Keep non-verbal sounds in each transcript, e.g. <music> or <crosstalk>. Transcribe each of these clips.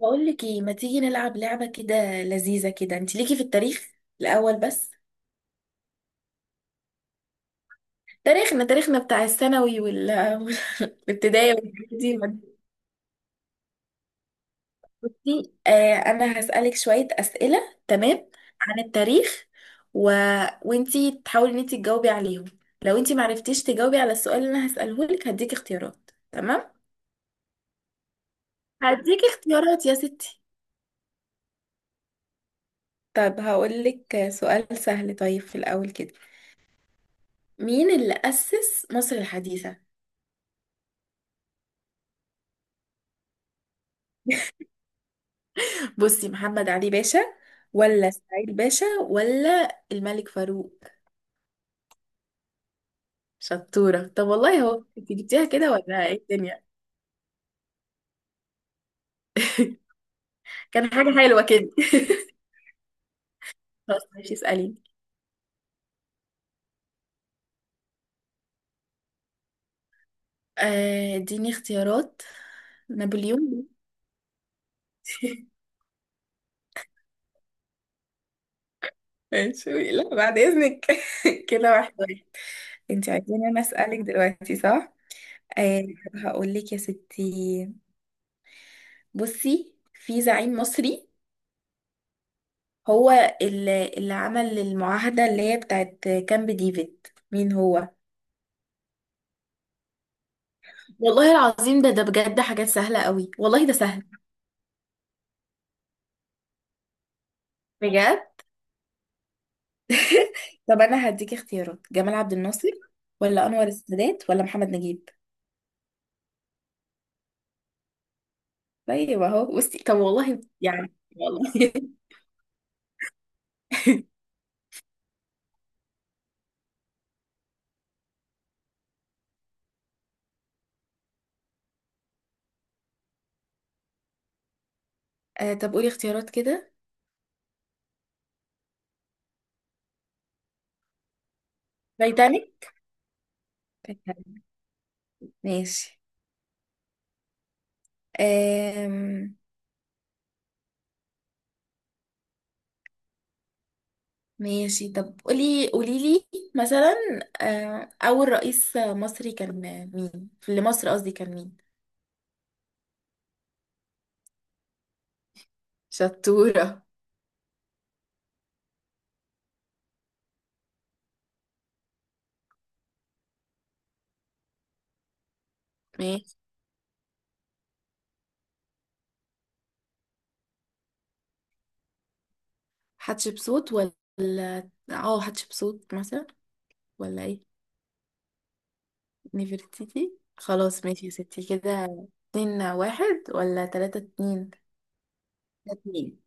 بقول لك ايه ما تيجي نلعب لعبة كده لذيذة كده. انت ليكي في التاريخ الاول بس. تاريخنا بتاع الثانوي وال <laughs> والابتدائي والحاجات دي بصي، انا هسألك شوية أسئلة، تمام؟ عن التاريخ و... وانتي تحاولي ان انتي تجاوبي عليهم. لو انتي معرفتيش تجاوبي على السؤال اللي انا هسأله لك هديك اختيارات، تمام؟ هديك اختيارات يا ستي. طب هقول لك سؤال سهل طيب في الاول كده. مين اللي أسس مصر الحديثة؟ بصي، محمد علي باشا ولا سعيد باشا ولا الملك فاروق؟ شطورة. طب والله هو انت جبتيها كده ولا ايه الدنيا؟ <laughs> كان حاجة حلوة كده. <laughs> خلاص، ماشي، اسأليني. اديني اختيارات. نابليون. <laughs> ماشي، لا بعد اذنك. <laughs> كده واحد واحد. انت عايزين انا اسألك دلوقتي، صح؟ آه. هقول لك يا ستي. بصي، في زعيم مصري هو اللي عمل المعاهدة اللي هي بتاعت كامب ديفيد. مين هو؟ والله العظيم ده بجد حاجات سهلة قوي، والله ده سهل. بجد؟ طب أنا هديك اختيارات. جمال عبد الناصر ولا أنور السادات ولا محمد نجيب؟ طيب أهو بصي، طب والله يعني والله. <laughs> طب قولي اختيارات كده. تايتانيك. تايتانيك. ماشي. آم... ماشي، طب قولي، قولي لي مثلا، أول رئيس مصري كان مين؟ في مصر قصدي، كان مين؟ شطورة. ماشي، حتشبسوت ولا حتشبسوت مثلا ولا ايه؟ نفرتيتي، خلاص ماشي يا ستي كده. اتنين واحد ولا تلاتة اتنين؟ ده اتنين.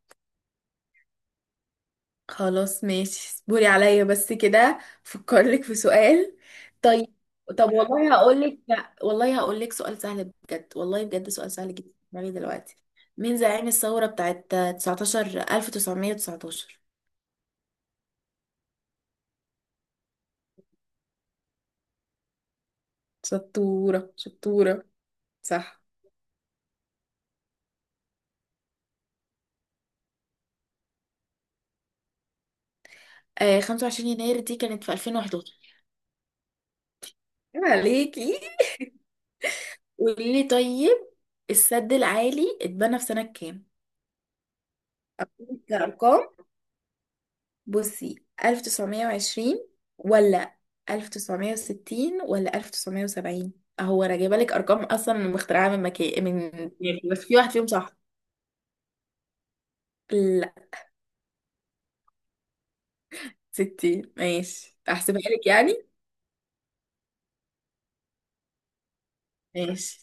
خلاص ماشي، اصبري عليا بس كده، فكرلك في سؤال. طيب. طب والله هقولك، لا والله هقولك سؤال سهل بجد، والله بجد سؤال سهل جدا يعني دلوقتي. مين زعيم الثورة بتاعت 19 1919؟ شطورة، شطورة. صح. آه، 25 يناير دي كانت في 2011. عيب عليكي. قولي لي طيب، السد العالي اتبنى في سنة كام؟ كأرقام. بصي، 1920 ولا 1960 ولا 1970؟ اهو انا جايبه لك ارقام اصلا مخترعه من مكان، من يعني، بس في واحد فيهم صح. لا. 60، ماشي، احسبها لك يعني. ماشي.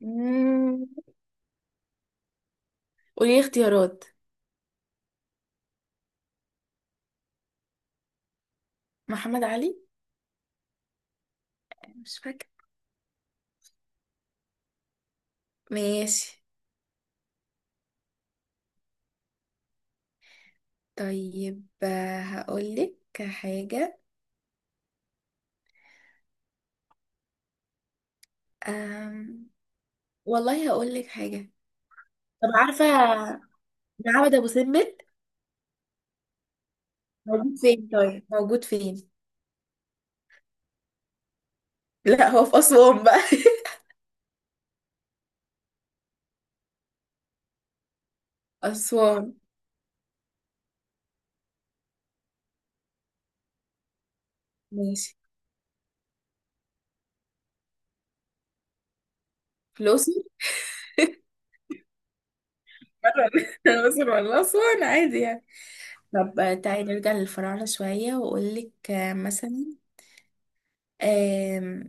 مم. قولي لي اختيارات. محمد علي. مش فاكره، ماشي. طيب هقولك حاجة. أم... والله هقولك حاجة. طب عارفة معبد أبو سمبل موجود فين؟ طيب موجود فين؟ لا، هو في أسوان بقى. <laughs> أسوان. ماشي. في الأقصر مرة. <laughs> الأقصر ولا أسوان عادي يعني. طب تعالي نرجع للفراعنة شوية وأقولك مثلا. آم،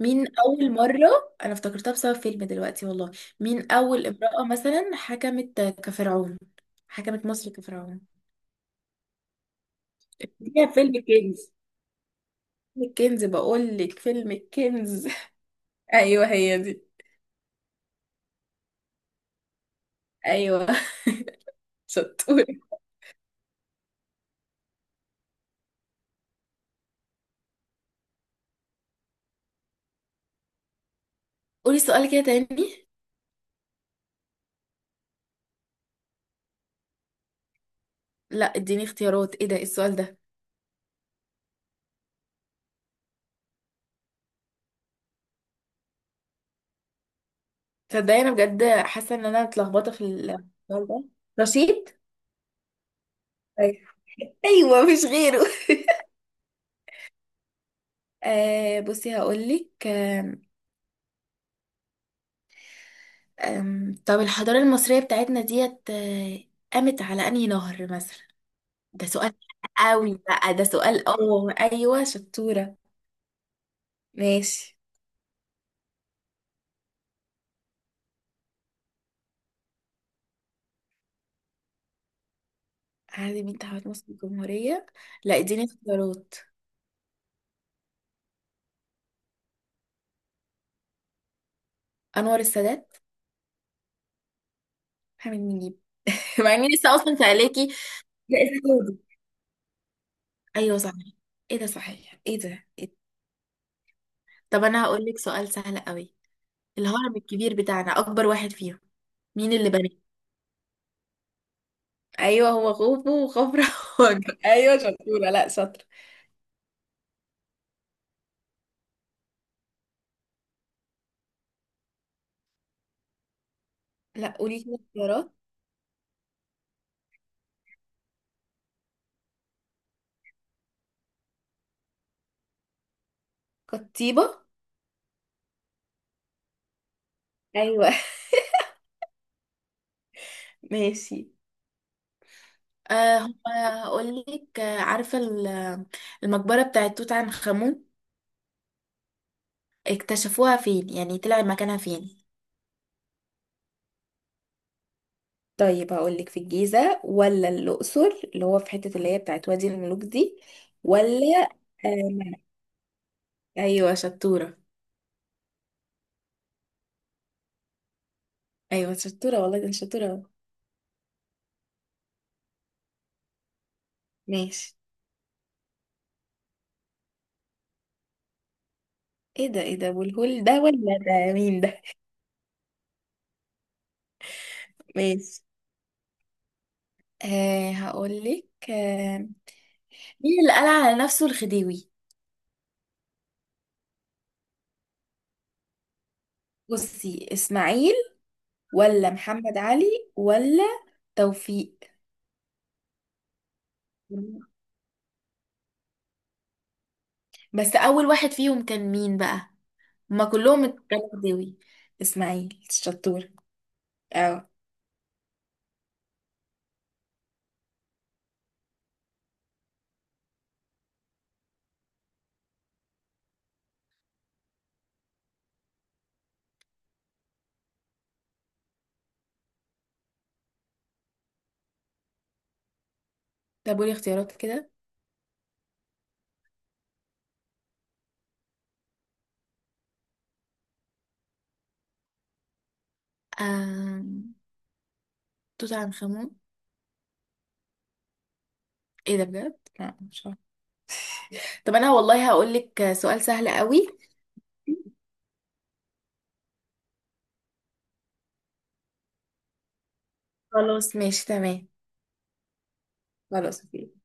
مين أول مرة أنا افتكرتها بسبب فيلم دلوقتي، والله. مين أول امرأة مثلا حكمت كفرعون، حكمت مصر كفرعون؟ هي فيلم الكنز. فيلم الكنز، بقول لك فيلم الكنز. <laughs> ايوه هي دي. ايوه، شطوره. قولي سؤال كده تاني. لا اديني اختيارات، ايه ده، إيه السؤال ده؟ تصدقي انا بجد حاسه ان انا اتلخبطه في السؤال ده. رشيد. أيوة. ايوه مش غيره. <laughs> بصي هقولك. آم، آم، طب الحضارة المصرية بتاعتنا ديت، قامت على أنهي نهر مثلا؟ ده سؤال قوي بقى، ده سؤال. اه ايوه شطورة. ماشي. عادل امين تعهد مصر الجمهورية. لا اديني اختيارات. انور السادات. محمد نجيب. <laughs> مع اني لسه اصلا سألاكي. لا السعودي. ايوه صحيح. ايه ده، صحيح، ايه ده، إيه ده؟ طب انا هقول لك سؤال سهل قوي. الهرم الكبير بتاعنا، اكبر واحد فيهم، مين اللي بناه؟ ايوه، هو خوفو وخفرع. <laughs> وجع. ايوه شطوره، لا شاطره. لا قولي كده اختيارات. قطيبه. ايوه. <laughs> ماشي. أه هقول لك. عارفه المقبره بتاعت توت عنخ امون اكتشفوها فين، يعني طلع مكانها فين؟ طيب هقولك، في الجيزة ولا الأقصر اللي هو في حتة اللي هي بتاعت وادي الملوك دي ولا آه، ايوه شطورة. أيوة شطورة، والله ده أنا شطورة أهو. ماشي. ايه ده، ايه ده، أبو الهول ده ولا ده، مين ده؟ ماشي. هقولك. آه، مين اللي قال على نفسه الخديوي؟ بصي، إسماعيل ولا محمد علي ولا توفيق؟ بس اول واحد فيهم كان مين بقى؟ هما كلهم اتجابوا غداوي. اسماعيل. شطور. اه. طب قولي اختيارات كده. آم، توت عنخ امون. ايه ده بجد، لا مش عارفه. طب انا والله هقول لك سؤال سهل قوي. خلاص ماشي، تمام. خلاص.